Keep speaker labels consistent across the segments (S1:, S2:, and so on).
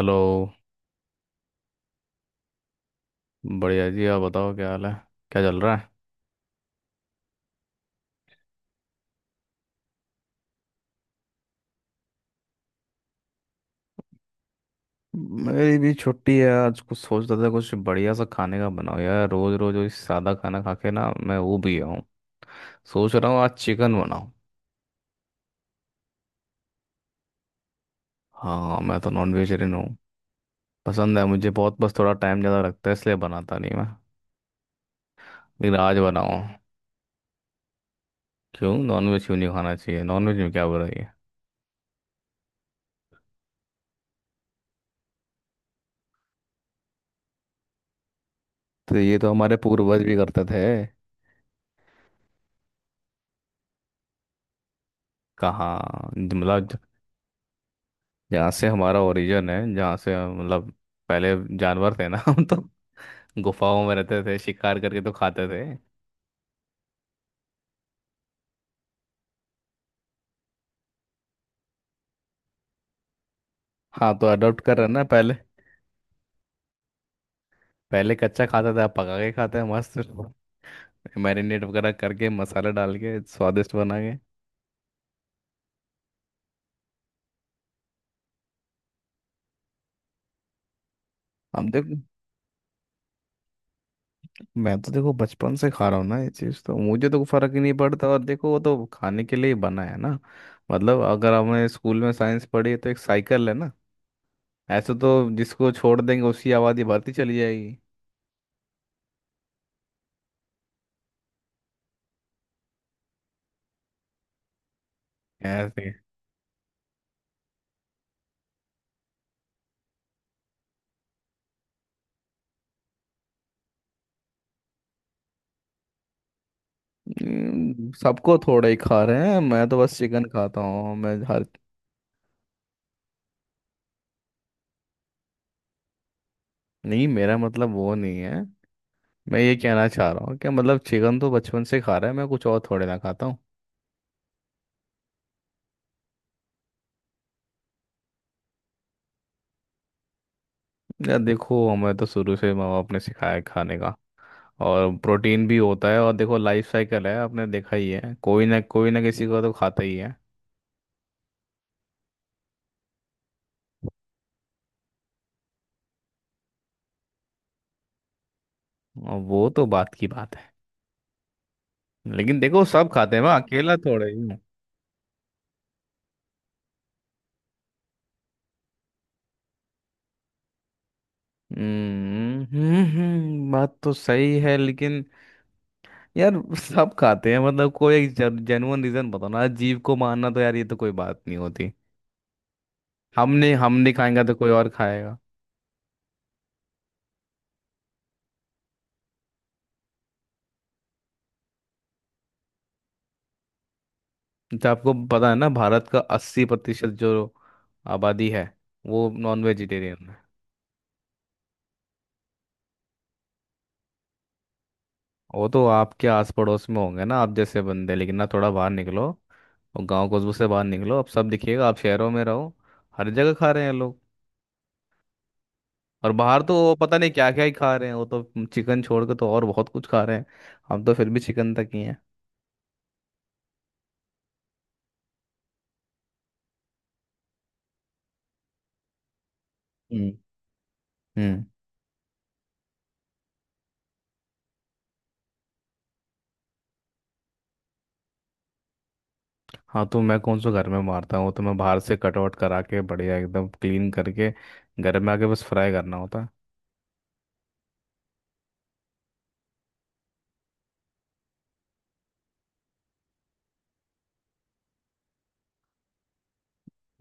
S1: Hello. बढ़िया जी, आप बताओ क्या हाल है? क्या चल रहा है? मेरी भी छुट्टी है आज। कुछ सोच रहा था कुछ बढ़िया सा खाने का बनाओ यार। रोज रोज वही सादा खाना खा के ना, मैं वो भी गया हूँ। सोच रहा हूँ आज चिकन बनाऊँ। हाँ, मैं तो नॉन वेजिटेरियन हूँ। पसंद है मुझे बहुत, बस थोड़ा टाइम ज़्यादा लगता है इसलिए बनाता नहीं मैं। लेकिन आज बनाऊँ। क्यों? नॉन वेज क्यों नहीं खाना चाहिए? नॉन वेज में क्या बुराई है? तो ये तो हमारे पूर्वज भी करते थे। कहाँ मतलब? जहाँ से हमारा ओरिजिन है, जहाँ से मतलब, पहले जानवर थे ना। हम तो गुफाओं में रहते थे, शिकार करके तो खाते थे। हाँ तो अडॉप्ट कर रहे हैं ना। पहले पहले कच्चा खाते थे, अब पका के खाते हैं मस्त। मैरिनेट वगैरह करके, मसाला डाल के स्वादिष्ट बना के। अब देखो, मैं तो देखो बचपन से खा रहा हूँ ना ये चीज़, तो मुझे तो फर्क ही नहीं पड़ता। और देखो, वो तो खाने के लिए ही बना है ना। मतलब अगर हमने स्कूल में साइंस पढ़ी है तो एक साइकिल है ना। ऐसे तो जिसको छोड़ देंगे उसकी आबादी बढ़ती चली जाएगी। ऐसे। सबको थोड़ा ही खा रहे हैं, मैं तो बस चिकन खाता हूँ मैं हर। नहीं, मेरा मतलब वो नहीं है। मैं ये कहना चाह रहा हूँ कि मतलब चिकन तो बचपन से खा रहा है, मैं कुछ और थोड़े ना खाता हूँ। यार देखो, हमें तो शुरू से माँ बाप ने सिखाया है खाने का। और प्रोटीन भी होता है। और देखो लाइफ साइकिल है, आपने देखा ही है कोई ना किसी को तो खाता ही है। और वो तो बात की बात है। लेकिन देखो सब खाते हैं, मैं अकेला थोड़ा ही हूँ। हम्म, हम्म, बात तो सही है लेकिन। यार। सब खाते हैं मतलब। कोई जेन्युइन रीजन बताओ ना। जीव को मारना तो यार ये तो कोई बात नहीं होती। हमने हम नहीं खाएंगे तो कोई और खाएगा। तो आपको पता है ना, भारत का 80% जो आबादी है वो नॉन वेजिटेरियन है। वो तो आपके आस पड़ोस में होंगे ना आप जैसे बंदे, लेकिन ना थोड़ा बाहर निकलो। और गांव कस्बों से बाहर निकलो, अब सब दिखिएगा, आप शहरों में रहो। हर जगह खा रहे हैं लोग। और बाहर तो वो पता नहीं क्या क्या ही खा रहे हैं वो तो। चिकन छोड़ के तो और बहुत कुछ खा रहे हैं। हम तो फिर भी चिकन तक ही हैं। हम्म। हाँ तो मैं कौन सा घर में मारता हूँ, वो तो मैं बाहर से कटआउट करा के बढ़िया एकदम क्लीन करके घर में आके बस फ्राई करना होता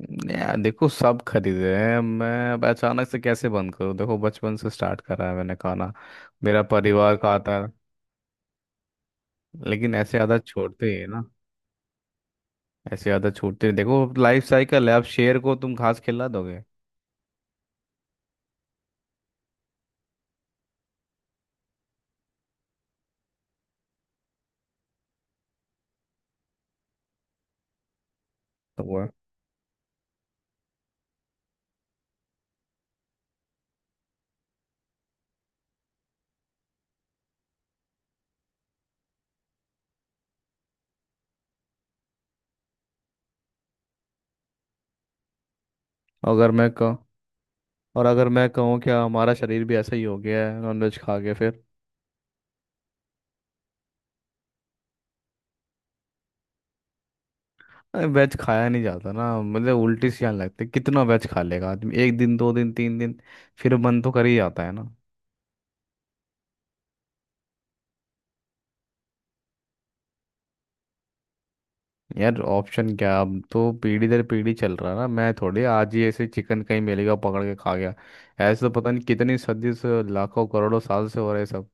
S1: है। यार देखो सब खरीदे हैं, मैं अब अचानक से कैसे बंद करूँ, देखो बचपन से स्टार्ट करा है मैंने खाना। मेरा परिवार खाता है। लेकिन ऐसे आदत छोड़ते ही है ना। ऐसे आदत छोड़ते ही। देखो लाइफ साइकिल है, अब शेर को तुम घास खिला दोगे। तो वो है। अगर मैं कहूँ। और अगर मैं कहूँ क्या हमारा शरीर भी ऐसा ही हो गया है नॉनवेज खा के फिर? अरे वेज खाया नहीं जाता ना मतलब, उल्टी सी आने लगती है। कितना वेज खा लेगा आदमी? एक दिन, दो दिन, तीन दिन। फिर मन तो कर ही जाता है ना। यार ऑप्शन क्या, अब तो पीढ़ी दर पीढ़ी चल रहा है ना। मैं थोड़ी आज ही ऐसे चिकन कहीं मिलेगा पकड़ के खा गया। ऐसे तो पता नहीं कितनी सदी से, लाखों करोड़ों साल से हो रहे हैं सब।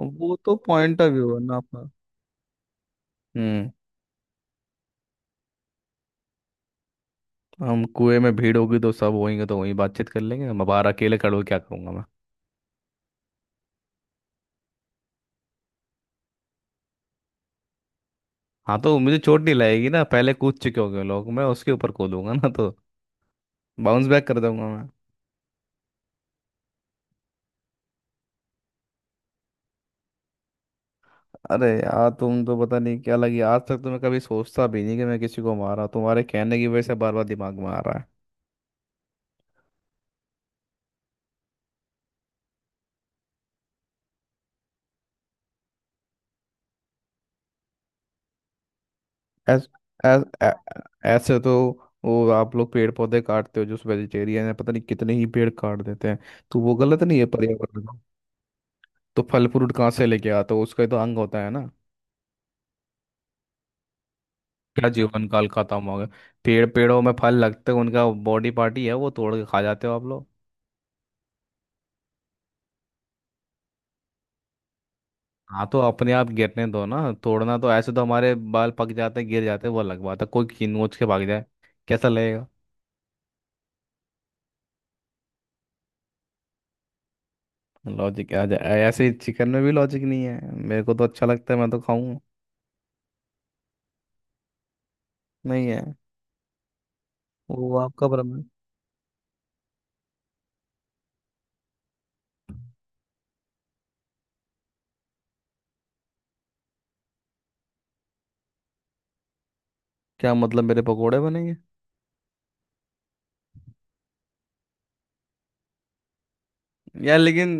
S1: वो तो पॉइंट ऑफ व्यू है ना अपना। हम्म। हम कुएं में भीड़ होगी तो सब होएंगे तो वहीं बातचीत कर लेंगे, मैं बाहर अकेले खड़ा होके क्या करूंगा मैं। हाँ तो मुझे चोट नहीं लगेगी ना, पहले कूद चुके होंगे लोग, मैं उसके ऊपर कूदूंगा ना तो। बाउंस बैक कर दूंगा मैं। अरे यार तुम तो पता नहीं क्या लगी, आज तक तो मैं कभी सोचता भी नहीं कि मैं किसी को मारा, तुम्हारे कहने की वजह से बार बार दिमाग में आ रहा है। ऐस, ऐस, ऐ, ऐसे तो वो आप लोग पेड़ पौधे काटते हो, जो वेजिटेरियन है, पता नहीं कितने ही पेड़ काट देते हैं। तो वो गलत नहीं है पर्यावरण का? तो फल फ्रूट कहाँ से लेके आते हो? उसका ही तो अंग होता है ना। क्या जीवन काल खत्म हो गया? पेड़ों में फल लगते हैं, उनका बॉडी पार्टी है, वो तोड़ के खा जाते हो आप लोग। हाँ तो अपने आप गिरने दो ना, तोड़ना तो ऐसे तो? हमारे बाल पक जाते गिर जाते, वो अलग बात है कोई खींच के भाग जाए। कैसा लगेगा? लॉजिक आ जाए ऐसे ही, चिकन में भी लॉजिक नहीं है, मेरे को तो अच्छा लगता है, मैं तो खाऊंगा। नहीं है। वो आपका भ्रम है। क्या मतलब, मेरे पकोड़े बनेंगे? यार लेकिन।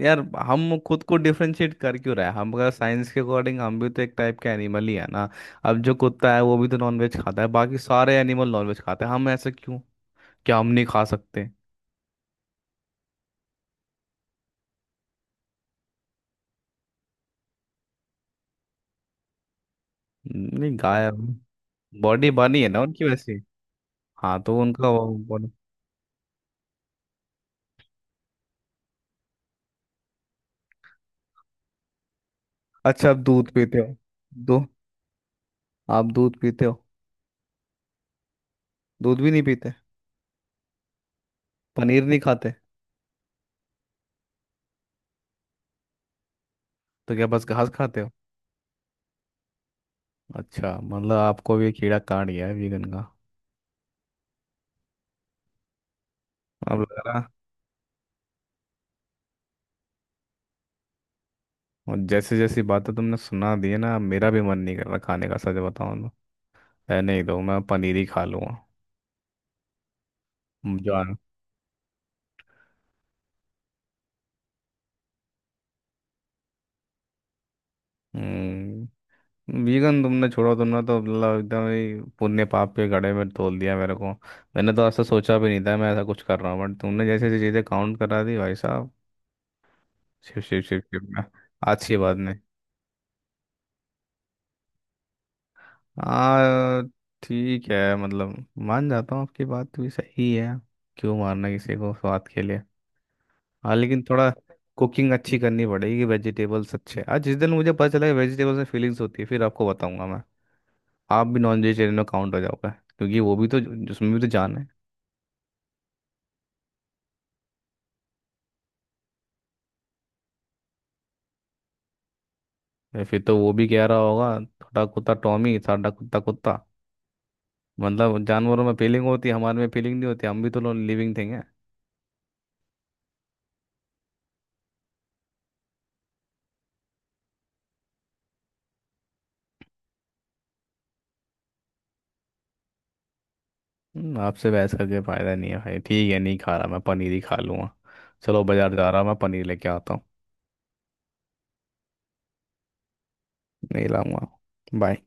S1: यार। हम खुद को डिफरेंशिएट कर क्यों रहे हैं? हम अगर साइंस के अकॉर्डिंग हम भी तो एक टाइप के एनिमल ही है ना। अब जो कुत्ता है वो भी तो नॉनवेज खाता है, बाकी सारे एनिमल नॉनवेज खाते हैं, हम ऐसे क्यों? क्या हम नहीं खा सकते? नहीं गायब। बॉडी बनी है ना उनकी वैसे। हाँ तो उनका वो बॉडी। अच्छा, आप दूध पीते हो? दो। आप दूध पीते हो? दूध भी नहीं पीते? पनीर नहीं खाते? तो क्या बस घास खाते हो? अच्छा मतलब आपको भी कीड़ा काट गया है वीगन का। अब लग रहा। और जैसे जैसी बातें तुमने सुना दी है ना, अब मेरा भी मन नहीं कर रहा खाने का सच बताऊं तो। है, नहीं तो मैं पनीर ही खा लूंगा। जान। हम्म। वीगन तुमने छोड़ो, तुमने तो मतलब एकदम ही पुण्य पाप के घड़े में तोल दिया मेरे को। मैंने तो ऐसा सोचा भी नहीं था मैं ऐसा कुछ कर रहा हूँ, बट तुमने जैसे जैसे चीज़ें काउंट करा दी भाई साहब। शिव शिव शिव शिव मैं। आज की बात नहीं। हाँ। ठीक है मतलब, मान जाता हूँ आपकी बात भी सही है। क्यों मारना किसी को स्वाद के लिए? हाँ लेकिन थोड़ा कुकिंग अच्छी करनी पड़ेगी वेजिटेबल्स अच्छे। आज जिस दिन मुझे पता चला कि वेजिटेबल्स में फीलिंग्स होती है, फिर आपको बताऊंगा मैं। आप भी नॉन वेजिटेरियन में काउंट हो जाओगे क्योंकि वो भी तो उसमें भी तो जान है। या फिर तो वो भी कह रहा होगा थोड़ा, कुत्ता टॉमी साडा कुत्ता कुत्ता। मतलब जानवरों में फीलिंग होती है हमारे में फीलिंग नहीं होती? हम भी तो लिविंग थिंग है। आपसे बहस करके फायदा नहीं है भाई, ठीक है नहीं खा रहा, मैं पनीर ही खा लूंगा। चलो बाजार जा रहा हूं, मैं पनीर लेके आता हूँ। नहीं लाऊंगा। बाय।